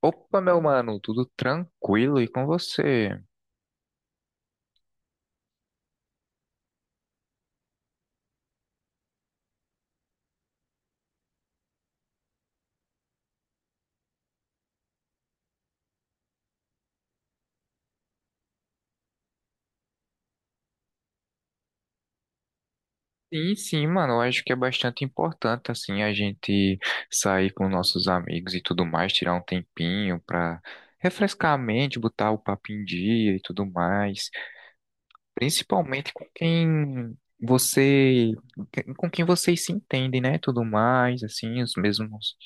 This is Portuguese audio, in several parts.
Opa, meu mano, tudo tranquilo e com você? Sim, sim, mano, eu acho que é bastante importante, assim, a gente sair com nossos amigos e tudo mais, tirar um tempinho pra refrescar a mente, botar o papo em dia e tudo mais. Principalmente com quem você, com quem vocês se entendem, né? Tudo mais, assim, os mesmos.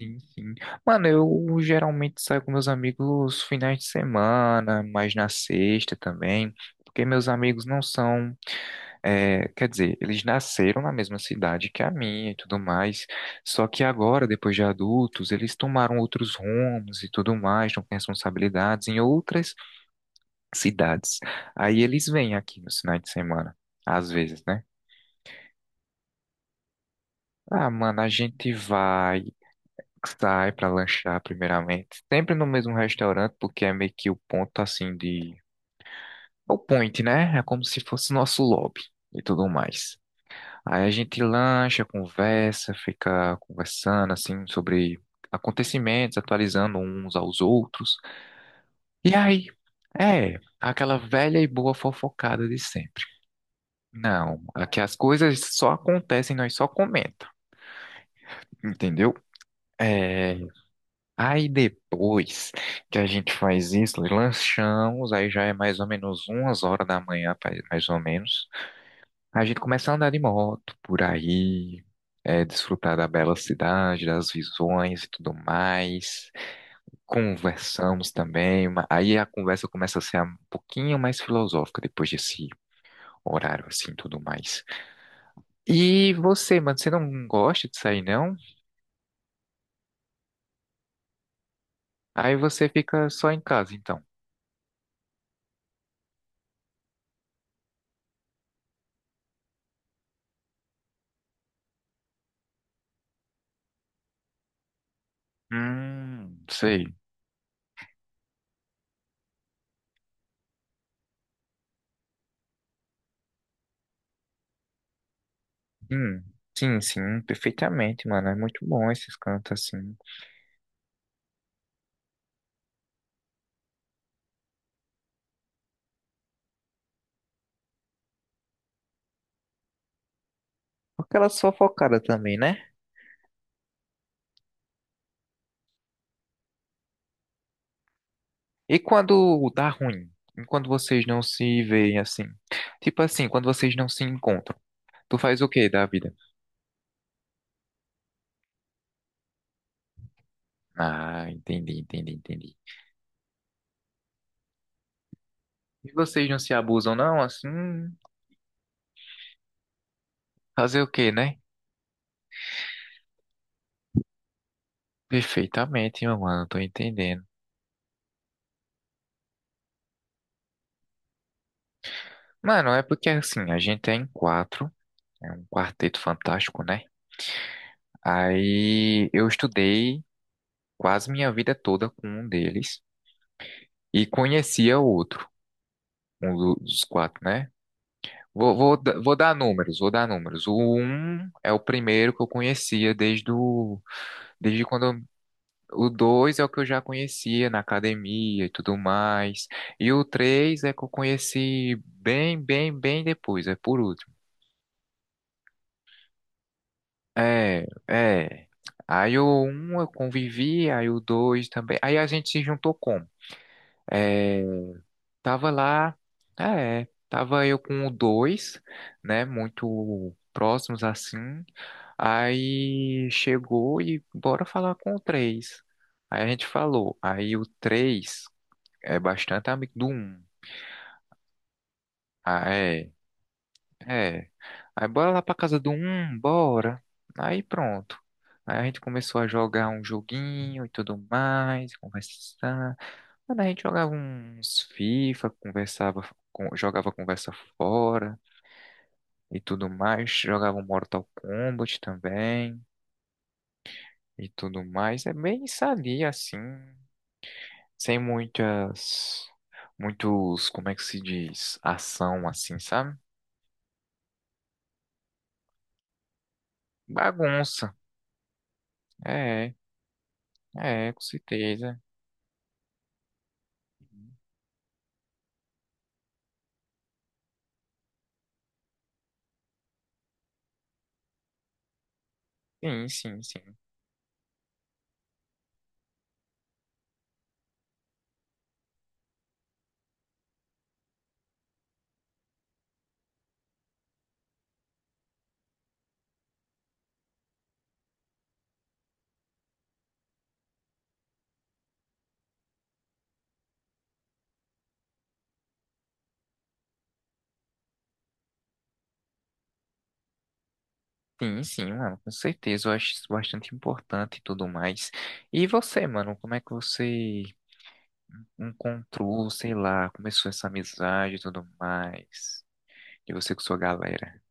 Sim, sim. Mano, eu geralmente saio com meus amigos finais de semana, mas na sexta também, porque meus amigos não são, quer dizer, eles nasceram na mesma cidade que a minha e tudo mais, só que agora, depois de adultos, eles tomaram outros rumos e tudo mais, estão com responsabilidades em outras cidades. Aí eles vêm aqui nos finais de semana, às vezes, né? Ah, mano, a gente vai. Sai pra lanchar primeiramente. Sempre no mesmo restaurante, porque é meio que o ponto assim de. É o point, né? É como se fosse nosso lobby e tudo mais. Aí a gente lancha, conversa, fica conversando assim sobre acontecimentos, atualizando uns aos outros. E aí, é aquela velha e boa fofocada de sempre. Não, aqui as coisas só acontecem, nós só comenta, entendeu? É, aí depois que a gente faz isso, lanchamos, aí já é mais ou menos umas horas da manhã, mais ou menos. A gente começa a andar de moto por aí, desfrutar da bela cidade, das visões e tudo mais. Conversamos também, aí a conversa começa a ser um pouquinho mais filosófica depois desse horário assim, tudo mais. E você, mano, você não gosta de sair não? Aí você fica só em casa, então. Sei. Hum, sim, sim, perfeitamente, mano. É muito bom esses cantos assim. Aquela sofocada também, né? E quando dá ruim? E quando vocês não se veem assim? Tipo assim, quando vocês não se encontram. Tu faz o quê da vida? Ah, entendi, entendi, entendi. E vocês não se abusam, não? Assim, fazer o quê, né? Perfeitamente, meu mano, tô entendendo. Mano, é porque assim, a gente é em quatro, é um quarteto fantástico, né? Aí eu estudei quase minha vida toda com um deles e conhecia o outro, um dos quatro, né? Vou vou dar números, vou dar números. O um é o primeiro que eu conhecia desde o, desde quando eu-. O dois é o que eu já conhecia na academia e tudo mais. E o três é que eu conheci bem, bem, bem depois, é por último. É, é. Aí o um eu convivi, aí o dois também. Aí a gente se juntou como? É, Tava lá, ah, é, tava eu com o dois, né, muito próximos assim. Aí chegou e bora falar com o três. Aí a gente falou, aí o três é bastante amigo do um. Ah, é, é. Aí bora lá pra casa do um, bora. Aí pronto. Aí a gente começou a jogar um joguinho e tudo mais, conversar. Mano, a gente jogava uns FIFA, conversava, jogava conversa fora e tudo mais. Jogava um Mortal Kombat também e tudo mais. É bem sadia assim, sem muitas, muitos, como é que se diz, ação assim, sabe? Bagunça. É, é, com certeza. Sim, sim, sim. Sim, sim, mano, com certeza. Eu acho isso bastante importante e tudo mais. E você, mano, como é que você encontrou, sei lá, começou essa amizade e tudo mais? E você com sua galera?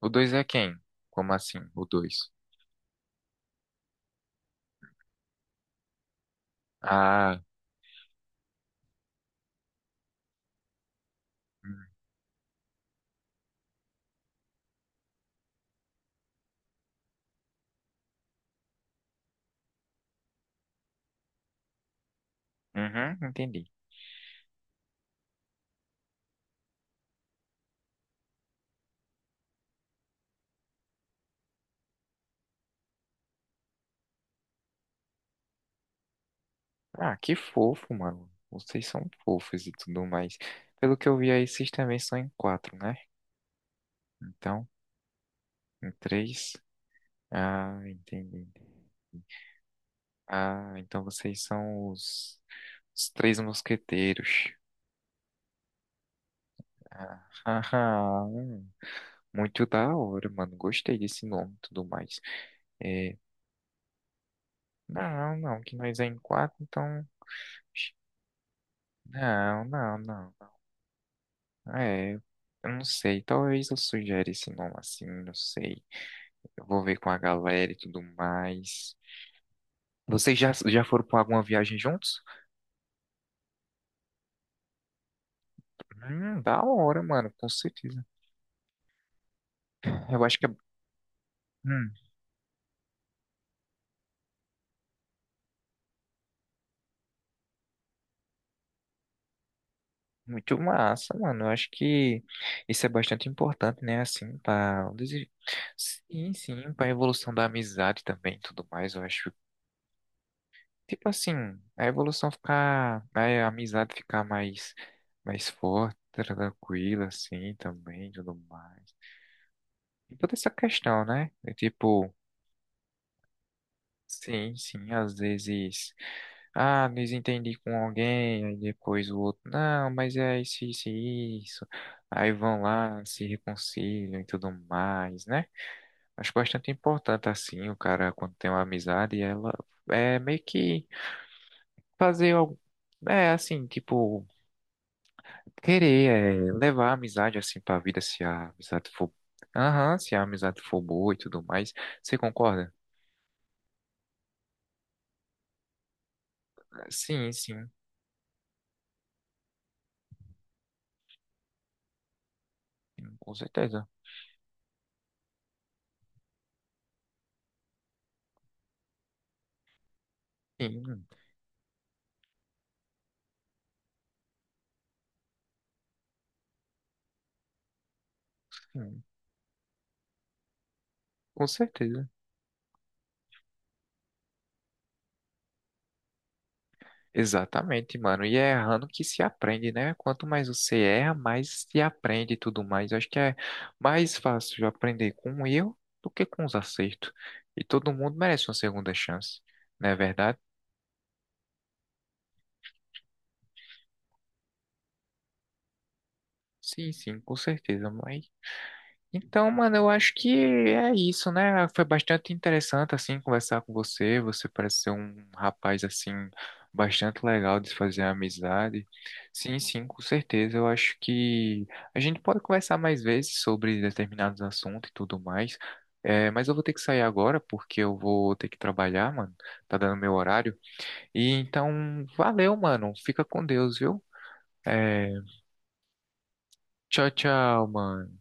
O 2 é quem? Como assim, o dois. Ah, hum, uhum, entendi. Ah, que fofo, mano. Vocês são fofos e tudo mais. Pelo que eu vi aí, vocês também são em quatro, né? Então, em três. Ah, entendi. Ah, então vocês são os, três mosqueteiros. Ah, haha, muito da hora, mano. Gostei desse nome e tudo mais. É, não, não, que nós é em quatro, então. Não, não, não. É, eu não sei. Talvez eu sugere esse nome assim, não sei. Eu vou ver com a galera e tudo mais. Vocês já, foram para alguma viagem juntos? Da hora, mano, com certeza. Eu acho que é hum, muito massa, mano. Eu acho que isso é bastante importante, né? Assim, para desi-. Sim, sim, pra evolução da amizade também e tudo mais. Eu acho. Tipo assim, a evolução ficar, né, a amizade ficar mais, forte, tranquila, assim, também, tudo mais. E toda essa questão, né? É tipo, sim, sim, às vezes, ah, desentendi com alguém, aí depois o outro, não, mas é isso, isso, e isso. Aí vão lá, se reconciliam e tudo mais, né? Acho bastante importante, assim, o cara, quando tem uma amizade, ela é meio que fazer algo, assim, tipo querer levar a amizade assim pra vida se a amizade for. Aham, se a amizade for boa e tudo mais. Você concorda? Sim, sim, sim, com certeza. Sim, sim, com certeza. Exatamente, mano. E é errando que se aprende, né? Quanto mais você erra, mais se aprende e tudo mais. Acho que é mais fácil aprender com o erro do que com os acertos. E todo mundo merece uma segunda chance, não é verdade? Sim, sim, com certeza. Mas. Então, mano, eu acho que é isso, né? Foi bastante interessante, assim, conversar com você. Você parece ser um rapaz, assim, bastante legal de se fazer amizade. Sim, sim, com certeza. Eu acho que a gente pode conversar mais vezes sobre determinados assuntos e tudo mais. É, mas eu vou ter que sair agora porque eu vou ter que trabalhar, mano. Tá dando meu horário. E então, valeu, mano. Fica com Deus, viu? É, tchau, tchau, mano.